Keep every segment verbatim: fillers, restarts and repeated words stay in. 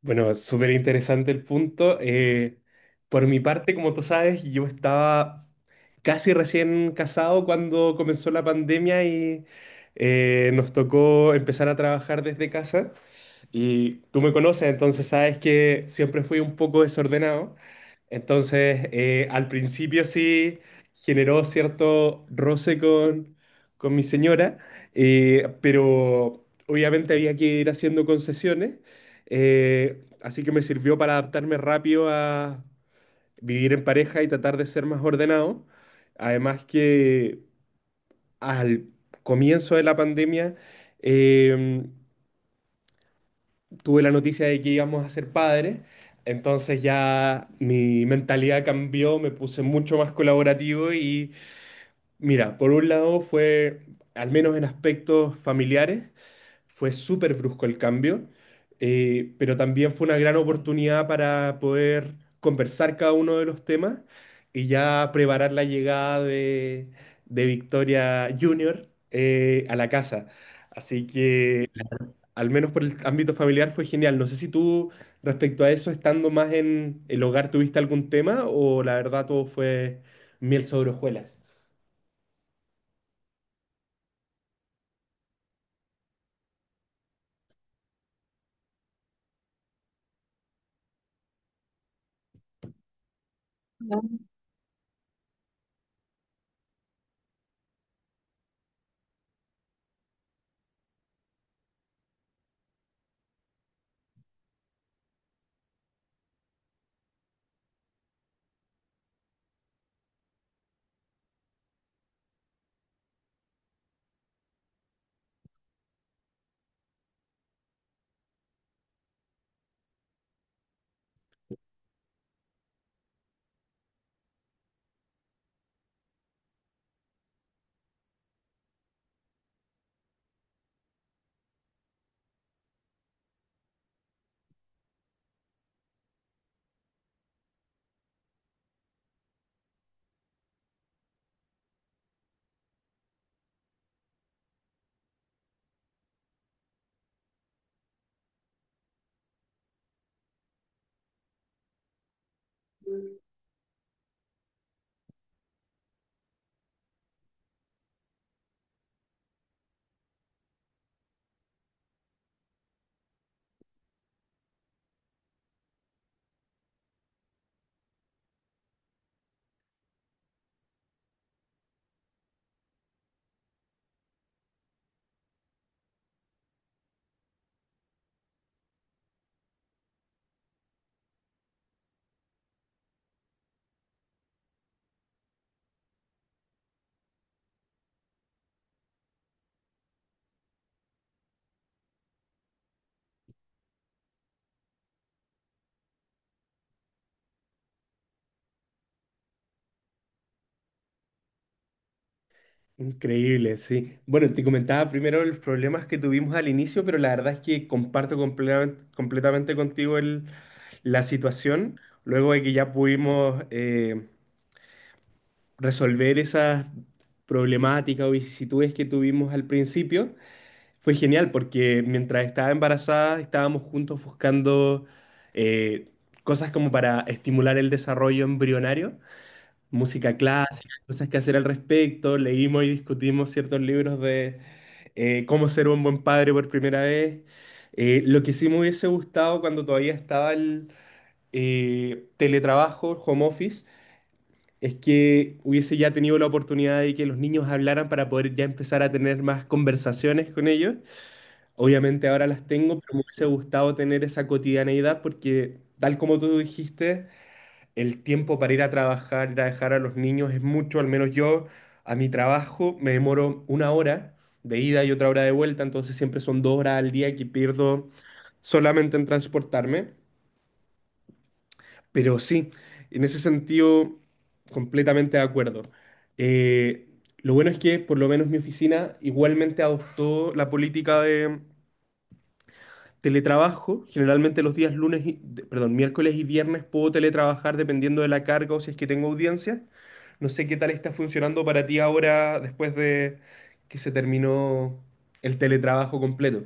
Bueno, súper interesante el punto. Eh, por mi parte, como tú sabes, yo estaba casi recién casado cuando comenzó la pandemia y eh, nos tocó empezar a trabajar desde casa. Y tú me conoces, entonces sabes que siempre fui un poco desordenado. Entonces, eh, al principio sí generó cierto roce con, con mi señora, eh, pero obviamente había que ir haciendo concesiones. Eh, así que me sirvió para adaptarme rápido a vivir en pareja y tratar de ser más ordenado. Además que al comienzo de la pandemia, em, tuve la noticia de que íbamos a ser padres, entonces ya mi mentalidad cambió, me puse mucho más colaborativo y mira, por un lado fue, al menos en aspectos familiares, fue súper brusco el cambio, eh, pero también fue una gran oportunidad para poder conversar cada uno de los temas y ya preparar la llegada de, de Victoria Junior eh, a la casa. Así que al menos por el ámbito familiar, fue genial. No sé si tú, respecto a eso, estando más en el hogar, tuviste algún tema o la verdad todo fue miel sobre hojuelas. Increíble, sí. Bueno, te comentaba primero los problemas que tuvimos al inicio, pero la verdad es que comparto completam- completamente contigo el- la situación. Luego de que ya pudimos eh, resolver esas problemáticas o vicisitudes que tuvimos al principio, fue genial porque mientras estaba embarazada estábamos juntos buscando eh, cosas como para estimular el desarrollo embrionario, música clásica, cosas que hacer al respecto, leímos y discutimos ciertos libros de eh, cómo ser un buen padre por primera vez. Eh, lo que sí me hubiese gustado cuando todavía estaba el eh, teletrabajo, home office, es que hubiese ya tenido la oportunidad de que los niños hablaran para poder ya empezar a tener más conversaciones con ellos. Obviamente ahora las tengo, pero me hubiese gustado tener esa cotidianeidad porque, tal como tú dijiste, el tiempo para ir a trabajar, ir a dejar a los niños es mucho, al menos yo a mi trabajo me demoro una hora de ida y otra hora de vuelta, entonces siempre son dos horas al día que pierdo solamente en transportarme. Pero sí, en ese sentido, completamente de acuerdo. Eh, lo bueno es que por lo menos mi oficina igualmente adoptó la política de teletrabajo, generalmente los días lunes, y- de- perdón, miércoles y viernes puedo teletrabajar dependiendo de la carga o si es que tengo audiencia. No sé qué tal está funcionando para ti ahora después de que se terminó el teletrabajo completo.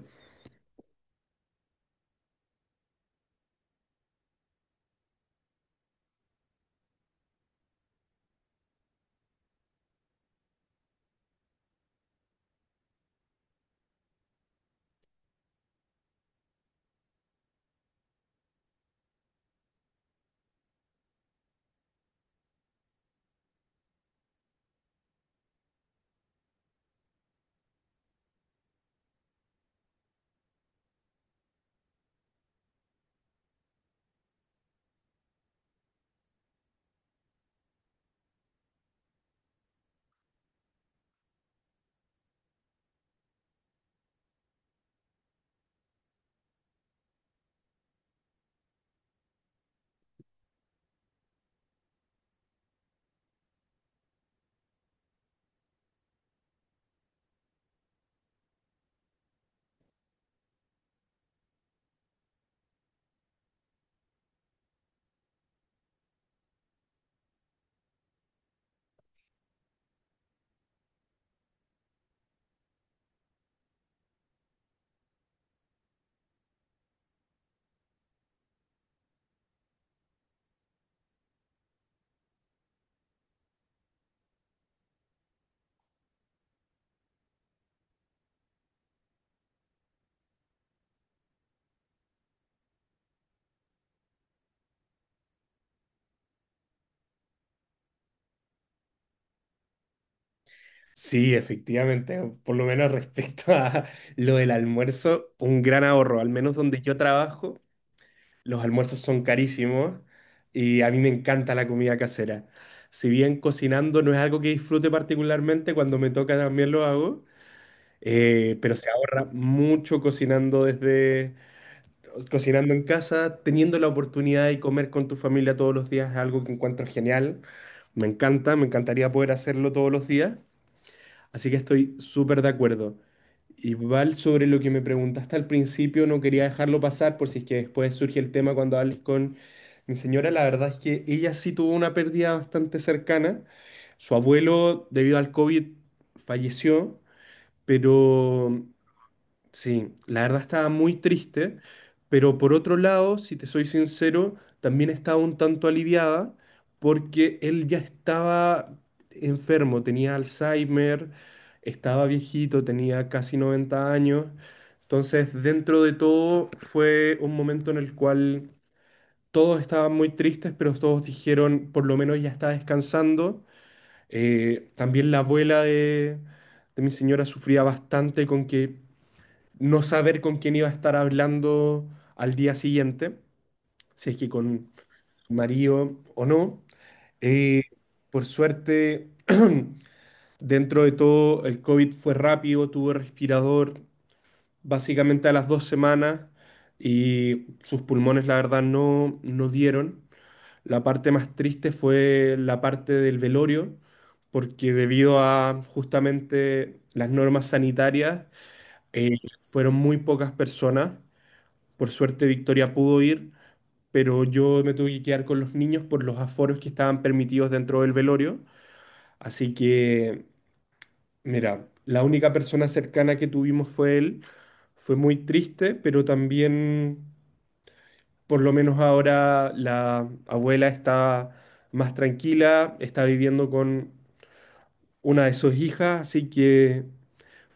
Sí, efectivamente, por lo menos respecto a lo del almuerzo, un gran ahorro, al menos donde yo trabajo, los almuerzos son carísimos y a mí me encanta la comida casera. Si bien cocinando no es algo que disfrute particularmente, cuando me toca también lo hago. Eh, pero se ahorra mucho cocinando desde, cocinando en casa, teniendo la oportunidad de comer con tu familia todos los días es algo que encuentro genial. Me encanta, me encantaría poder hacerlo todos los días. Así que estoy súper de acuerdo. Y Val, sobre lo que me preguntaste al principio, no quería dejarlo pasar por si es que después surge el tema cuando hables con mi señora. La verdad es que ella sí tuvo una pérdida bastante cercana. Su abuelo, debido al COVID, falleció, pero sí, la verdad estaba muy triste, pero por otro lado, si te soy sincero, también estaba un tanto aliviada porque él ya estaba enfermo, tenía Alzheimer, estaba viejito, tenía casi noventa años. Entonces, dentro de todo, fue un momento en el cual todos estaban muy tristes, pero todos dijeron, por lo menos ya está descansando. Eh, también la abuela de, de mi señora sufría bastante con que no saber con quién iba a estar hablando al día siguiente, si es que con su marido o no. Eh, por suerte, dentro de todo, el COVID fue rápido, tuvo respirador básicamente a las dos semanas y sus pulmones, la verdad, no, no dieron. La parte más triste fue la parte del velorio, porque debido a justamente las normas sanitarias, eh, fueron muy pocas personas, por suerte Victoria pudo ir, pero yo me tuve que quedar con los niños por los aforos que estaban permitidos dentro del velorio. Así que, mira, la única persona cercana que tuvimos fue él. Fue muy triste, pero también, por lo menos ahora, la abuela está más tranquila, está viviendo con una de sus hijas, así que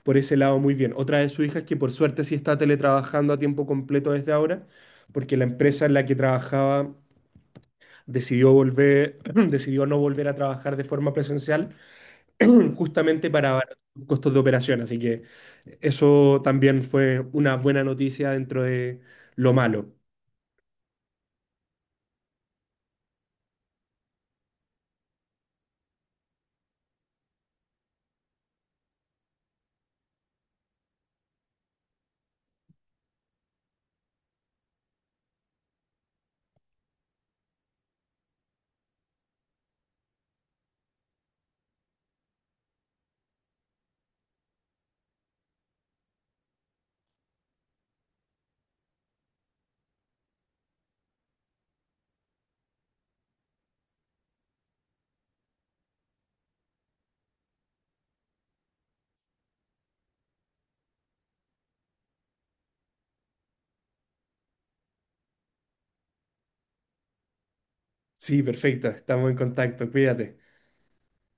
por ese lado muy bien. Otra de sus hijas que por suerte sí está teletrabajando a tiempo completo desde ahora, porque la empresa en la que trabajaba decidió volver, decidió no volver a trabajar de forma presencial justamente para abaratar los costos de operación. Así que eso también fue una buena noticia dentro de lo malo. Sí, perfecto, estamos en contacto, cuídate.